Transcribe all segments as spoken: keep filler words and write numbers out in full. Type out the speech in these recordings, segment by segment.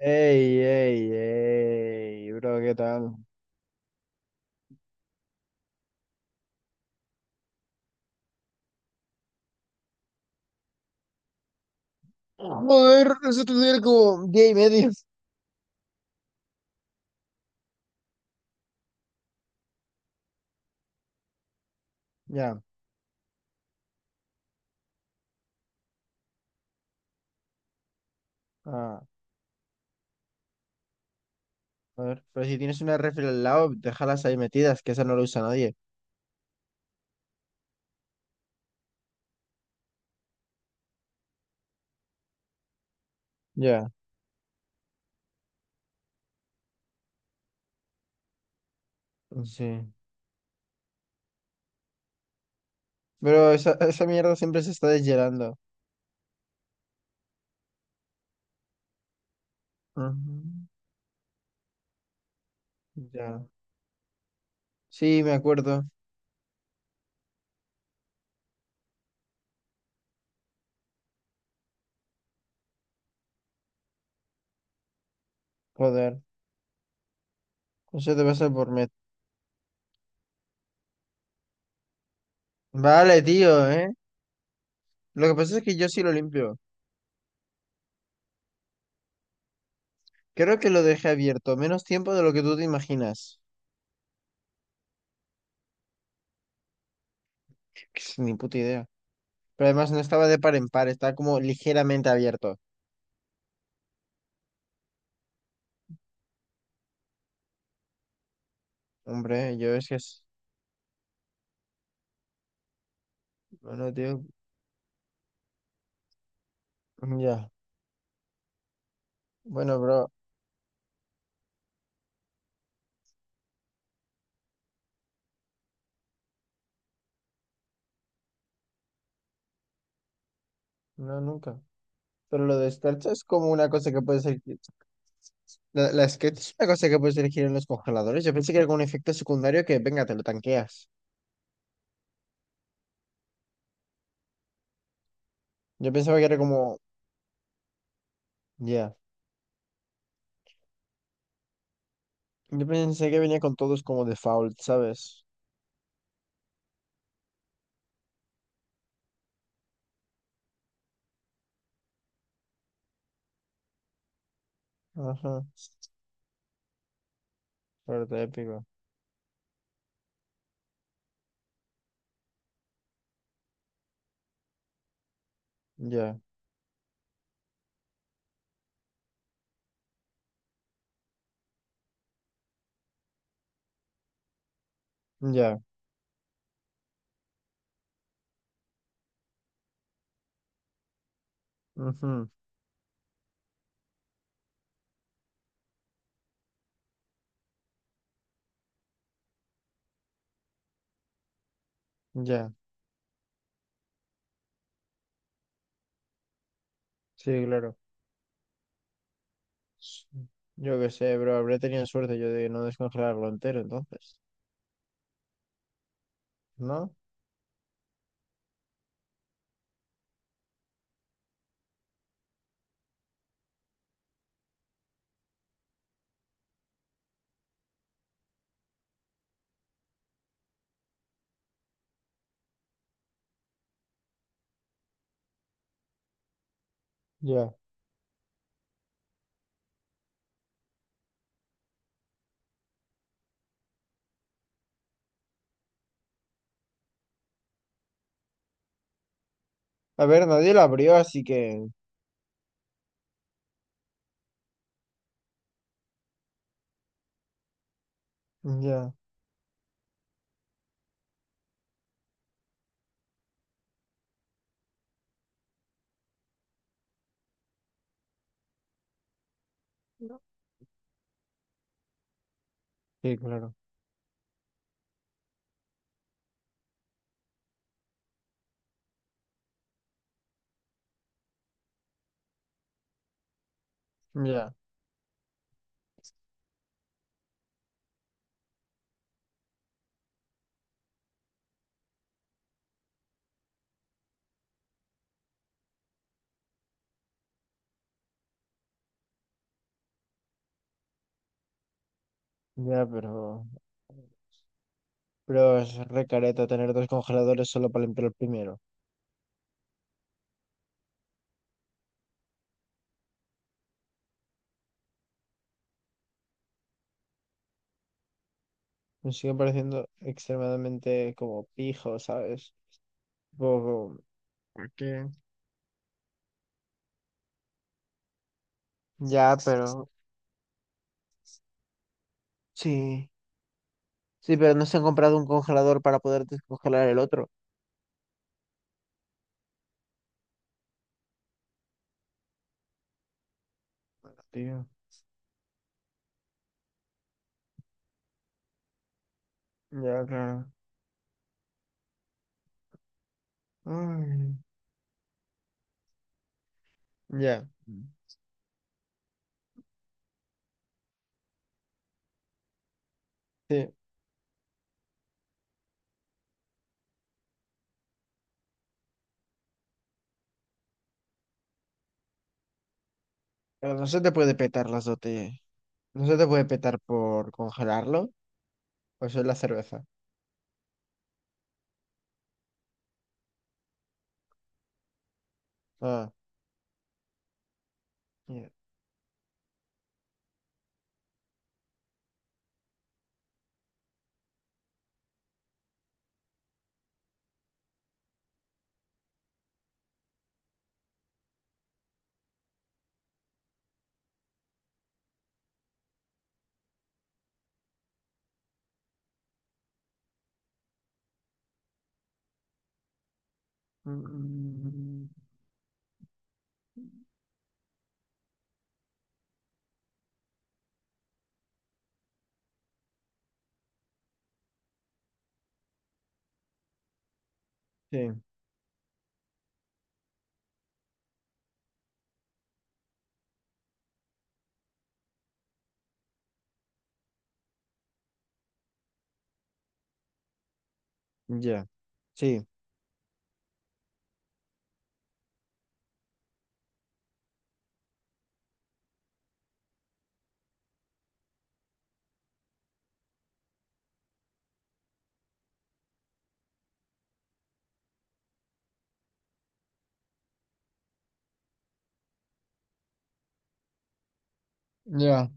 Ey, ey, ey, bro, ¿qué tal? Joder, eso estudiar como gay medio. Ya. ah, a ver, pero si tienes una refri al lado, déjalas ahí metidas, que esa no la usa nadie. Ya, sí. Pero esa, esa mierda siempre se está deshielando. Ujú. Ya. Sí, me acuerdo. Joder, eso te pasa por met. Vale, tío, ¿eh? Lo que pasa es que yo sí lo limpio. Creo que lo dejé abierto menos tiempo de lo que tú te imaginas. Ni puta idea. Pero además no estaba de par en par, estaba como ligeramente abierto. Hombre, yo es que es... Bueno, tío, ya. Bueno, bro, no, nunca. Pero lo de escarcha es como una cosa que puedes elegir. La, la escarcha es una cosa que puedes elegir en los congeladores. Yo pensé que era como un efecto secundario que, venga, te lo tanqueas. Yo pensaba que era como... Ya. Yo pensé que venía con todos como default, ¿sabes? Ajá. Fuerte, épico. Ya, ya. Ujú. Ya. Sí, claro. Yo qué sé, bro, habré tenido suerte yo de no descongelarlo entero entonces, ¿no? Ya. A ver, nadie lo abrió, así que... Ya. Sí, claro. Ya. Ya, pero... Pero es re careta tener dos congeladores solo para limpiar el primero. Me sigue pareciendo extremadamente como pijo, ¿sabes? Poco... ¿Por qué? Ya, pero... Sí. Sí, pero no se han comprado un congelador para poder descongelar el otro. Tío. Ya, claro. Ay. Ya. Este, pero no se te puede petar las botellas. No se te puede petar por congelarlo. O eso es la cerveza. Ah, ya. Mm. Sí, ya. Sí, ya.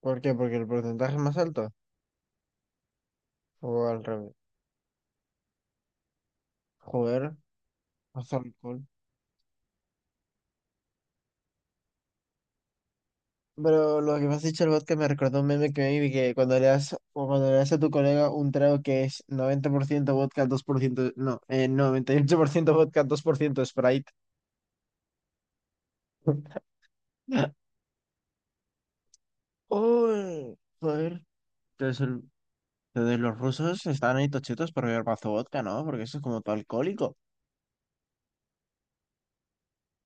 ¿Por qué? ¿Porque el porcentaje es más alto? O al revés. Joder, más alcohol. Pero lo que me has dicho el vodka me recordó un meme que me vi que cuando le das, o cuando le das a tu colega un trago que es noventa por ciento vodka, dos por ciento, no, eh, noventa y ocho por ciento vodka, dos por ciento Sprite. ¡Oh! Joder. Entonces, el- entonces los rusos están ahí tochitos por beber mazo vodka, ¿no? Porque eso es como todo alcohólico.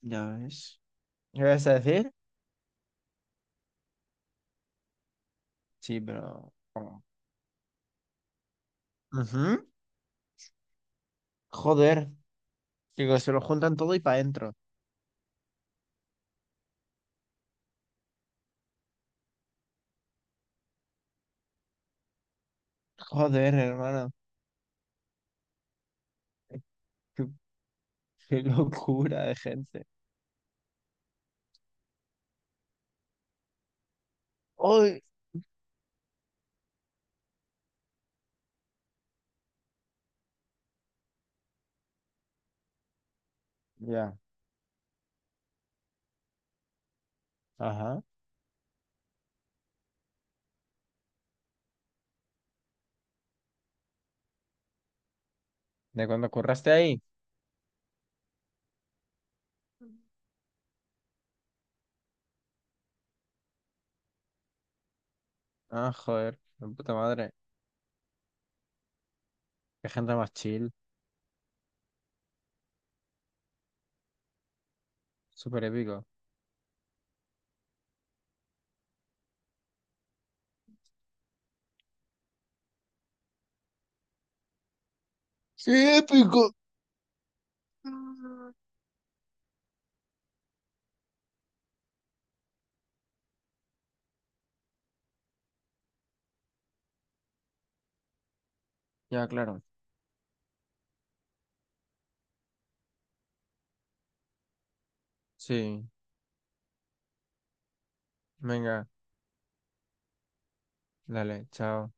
Ya ves. ¿Qué vas a decir? Sí, pero... bueno. Ujú. Joder. Digo, se lo juntan todo y para adentro. Joder, hermano. Qué, qué locura de gente. ¡Uy! Ya, ajá. ¿De cuando curraste ahí? Ah, joder, de puta madre. Qué gente más chill. Súper épico. Sí. Ya, claro. Sí, venga, dale, chao.